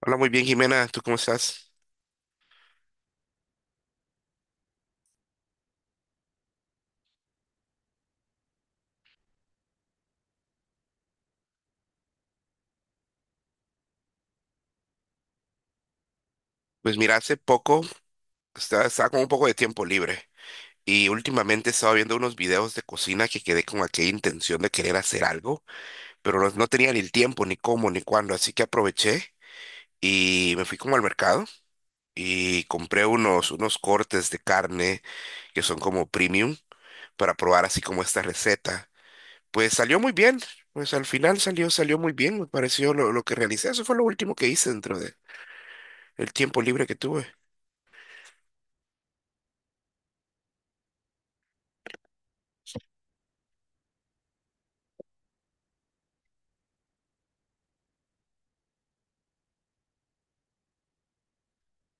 Hola, muy bien, Jimena. ¿Tú cómo estás? Pues mira, hace poco estaba con un poco de tiempo libre y últimamente estaba viendo unos videos de cocina que quedé con aquella intención de querer hacer algo, pero no tenía ni el tiempo, ni cómo, ni cuándo, así que aproveché y me fui como al mercado y compré unos cortes de carne que son como premium para probar así como esta receta. Pues salió muy bien, pues al final salió muy bien, me pareció lo que realicé. Eso fue lo último que hice dentro de el tiempo libre que tuve.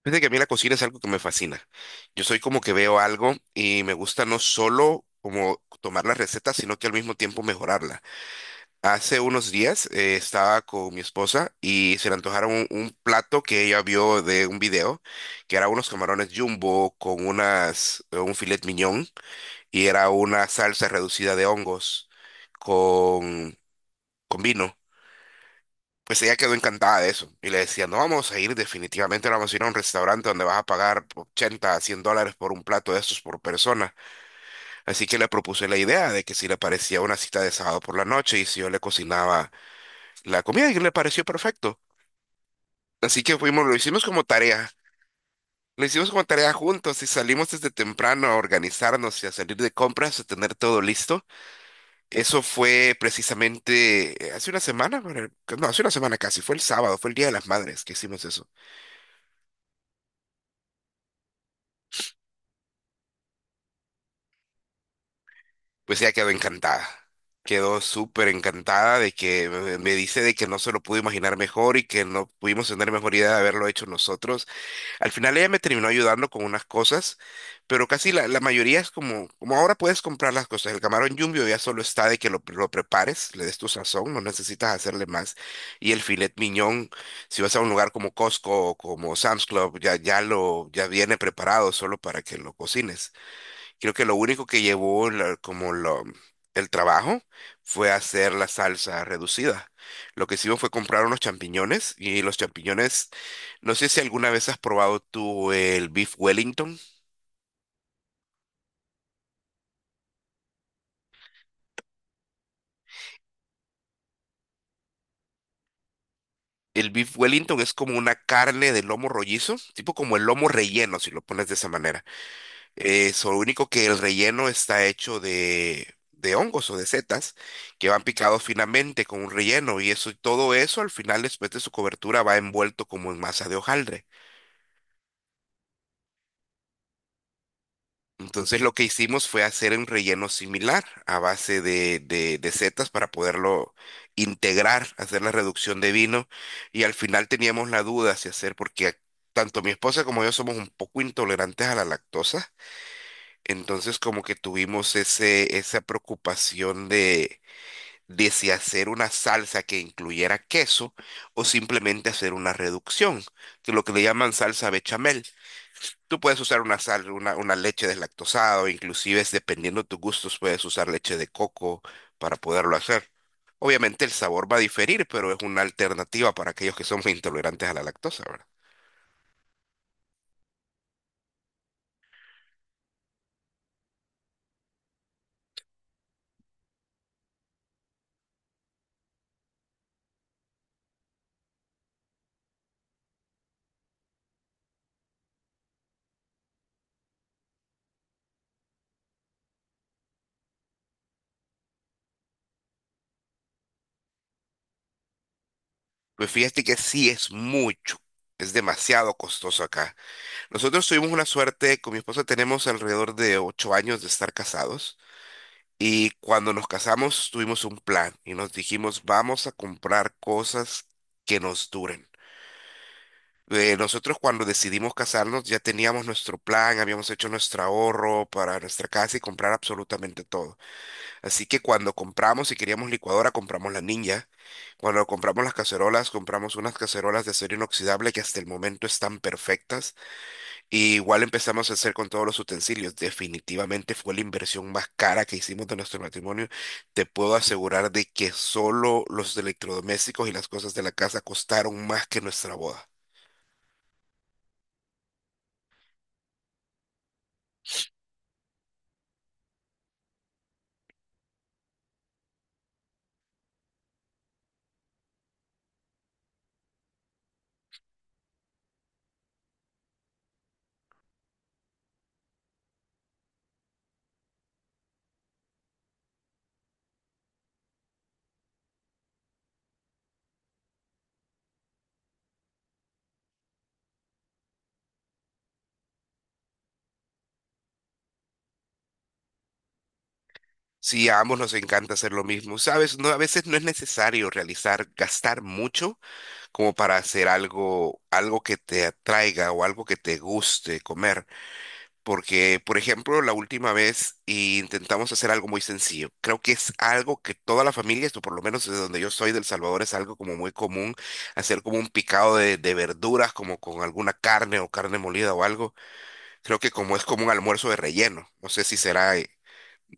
Fíjate que a mí la cocina es algo que me fascina. Yo soy como que veo algo y me gusta no solo como tomar la receta, sino que al mismo tiempo mejorarla. Hace unos días estaba con mi esposa y se le antojaron un plato que ella vio de un video, que era unos camarones jumbo con un filet mignon y era una salsa reducida de hongos con, con vino. Pues ella quedó encantada de eso y le decía, no vamos a ir, definitivamente no vamos a ir a un restaurante donde vas a pagar $80 a $100 por un plato de estos por persona. Así que le propuse la idea de que si le parecía una cita de sábado por la noche y si yo le cocinaba la comida y le pareció perfecto. Así que fuimos, lo hicimos como tarea, lo hicimos como tarea juntos y salimos desde temprano a organizarnos y a salir de compras, a tener todo listo. Eso fue precisamente hace una semana, bueno, no, hace una semana casi, fue el sábado, fue el Día de las Madres que hicimos eso. Pues ella quedó encantada. Quedó súper encantada de que me dice de que no se lo pudo imaginar mejor y que no pudimos tener mejor idea de haberlo hecho nosotros. Al final ella me terminó ayudando con unas cosas, pero casi la mayoría es como, como ahora puedes comprar las cosas. El camarón jumbo ya solo está de que lo prepares, le des tu sazón, no necesitas hacerle más. Y el filet mignon, si vas a un lugar como Costco o como Sam's Club, ya ya viene preparado solo para que lo cocines. Creo que lo único que llevó el trabajo fue hacer la salsa reducida. Lo que hicimos fue comprar unos champiñones y los champiñones, no sé si alguna vez has probado tú el beef Wellington. El beef Wellington es como una carne de lomo rollizo, tipo como el lomo relleno, si lo pones de esa manera. Eso, lo único que el relleno está hecho de hongos o de setas que van picados finamente con un relleno y eso, y todo eso al final después de su cobertura va envuelto como en masa de hojaldre. Entonces lo que hicimos fue hacer un relleno similar a base de setas para poderlo integrar, hacer la reducción de vino y al final teníamos la duda si hacer porque tanto mi esposa como yo somos un poco intolerantes a la lactosa. Entonces como que tuvimos esa preocupación de si hacer una salsa que incluyera queso o simplemente hacer una reducción, que lo que le llaman salsa bechamel. Tú puedes usar una leche deslactosada o inclusive es dependiendo de tus gustos puedes usar leche de coco para poderlo hacer. Obviamente el sabor va a diferir, pero es una alternativa para aquellos que somos intolerantes a la lactosa, ¿verdad? Pues fíjate que sí es mucho, es demasiado costoso acá. Nosotros tuvimos una suerte, con mi esposa tenemos alrededor de 8 años de estar casados y cuando nos casamos tuvimos un plan y nos dijimos vamos a comprar cosas que nos duren. Nosotros cuando decidimos casarnos ya teníamos nuestro plan, habíamos hecho nuestro ahorro para nuestra casa y comprar absolutamente todo. Así que cuando compramos, si queríamos licuadora, compramos la Ninja. Cuando compramos las cacerolas, compramos unas cacerolas de acero inoxidable que hasta el momento están perfectas. Y igual empezamos a hacer con todos los utensilios. Definitivamente fue la inversión más cara que hicimos de nuestro matrimonio. Te puedo asegurar de que solo los electrodomésticos y las cosas de la casa costaron más que nuestra boda. Sí, a ambos nos encanta hacer lo mismo. Sabes, no, a veces no es necesario realizar, gastar mucho como para hacer algo, algo que te atraiga o algo que te guste comer. Porque, por ejemplo, la última vez intentamos hacer algo muy sencillo. Creo que es algo que toda la familia, esto por lo menos desde donde yo soy, del Salvador, es algo como muy común, hacer como un picado de verduras, como con alguna carne o carne molida o algo. Creo que como es como un almuerzo de relleno. No sé si será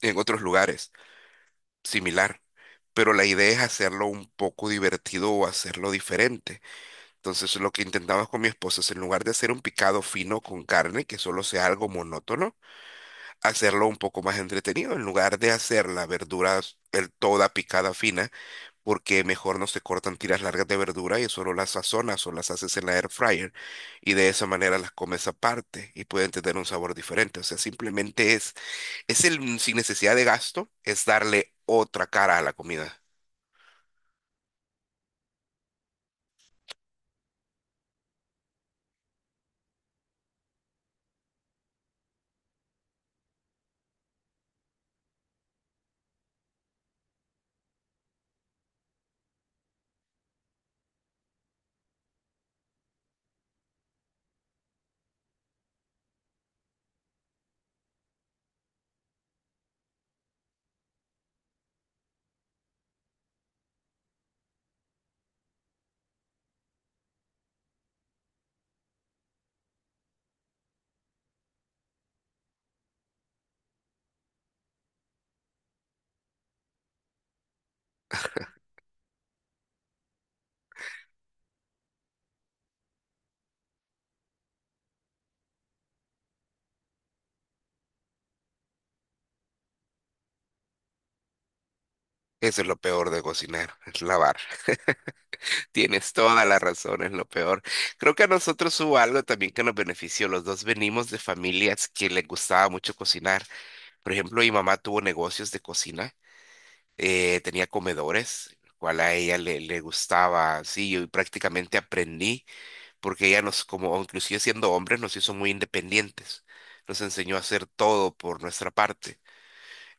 en otros lugares similar, pero la idea es hacerlo un poco divertido o hacerlo diferente. Entonces, lo que intentamos con mi esposa es en lugar de hacer un picado fino con carne, que solo sea algo monótono, hacerlo un poco más entretenido, en lugar de hacer la verdura el toda picada fina, porque mejor no se cortan tiras largas de verdura y solo las sazonas o las haces en la air fryer y de esa manera las comes aparte y pueden tener un sabor diferente. O sea, simplemente es el, sin necesidad de gasto, es darle otra cara a la comida. Eso es lo peor de cocinar, es lavar. Tienes toda la razón, es lo peor. Creo que a nosotros hubo algo también que nos benefició. Los dos venimos de familias que les gustaba mucho cocinar. Por ejemplo, mi mamá tuvo negocios de cocina, tenía comedores, cual a ella le gustaba, sí, yo prácticamente aprendí, porque ella nos, como inclusive siendo hombres, nos hizo muy independientes, nos enseñó a hacer todo por nuestra parte.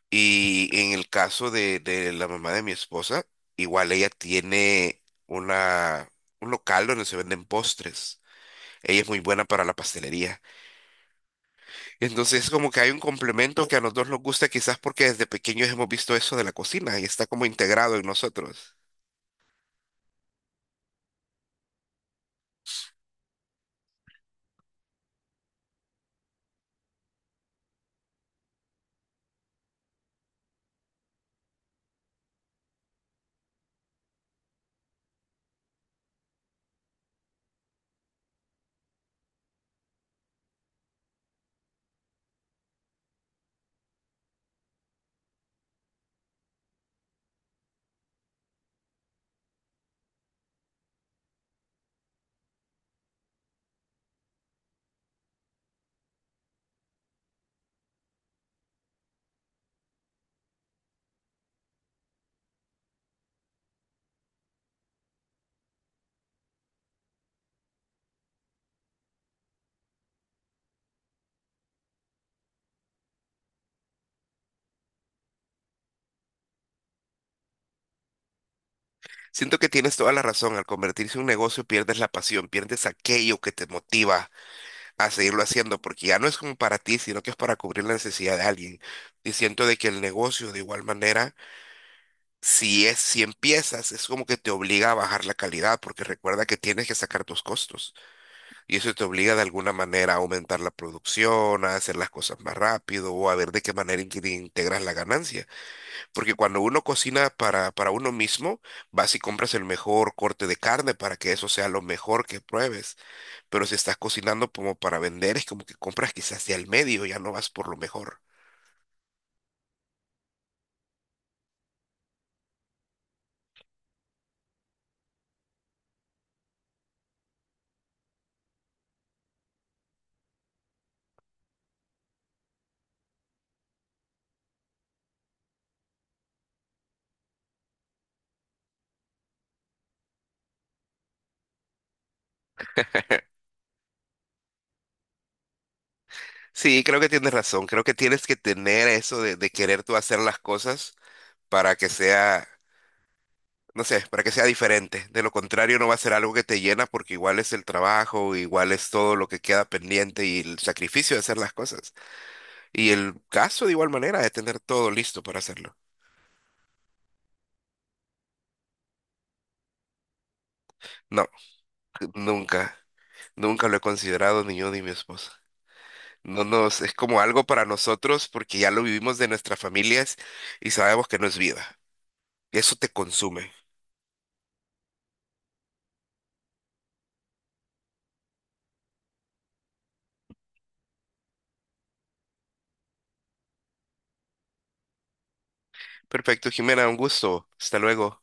Y en el caso de la mamá de mi esposa, igual ella tiene un local donde se venden postres. Ella es muy buena para la pastelería. Entonces es como que hay un complemento que a los dos nos gusta, quizás porque desde pequeños hemos visto eso de la cocina y está como integrado en nosotros. Siento que tienes toda la razón, al convertirse en un negocio pierdes la pasión, pierdes aquello que te motiva a seguirlo haciendo, porque ya no es como para ti, sino que es para cubrir la necesidad de alguien. Y siento de que el negocio de igual manera, si empiezas, es como que te obliga a bajar la calidad, porque recuerda que tienes que sacar tus costos. Y eso te obliga de alguna manera a aumentar la producción, a hacer las cosas más rápido o a ver de qué manera que integras la ganancia. Porque cuando uno cocina para uno mismo, vas y compras el mejor corte de carne para que eso sea lo mejor que pruebes. Pero si estás cocinando como para vender, es como que compras quizás de al medio, ya no vas por lo mejor. Sí, creo que tienes razón. Creo que tienes que tener eso de querer tú hacer las cosas para que sea no sé, para que sea diferente. De lo contrario, no va a ser algo que te llena porque igual es el trabajo, igual es todo lo que queda pendiente y el sacrificio de hacer las cosas. Y el caso de igual manera de tener todo listo para hacerlo. No, nunca, nunca lo he considerado ni yo ni mi esposa. No nos, Es como algo para nosotros porque ya lo vivimos de nuestras familias y sabemos que no es vida. Eso te consume. Perfecto, Jimena, un gusto. Hasta luego.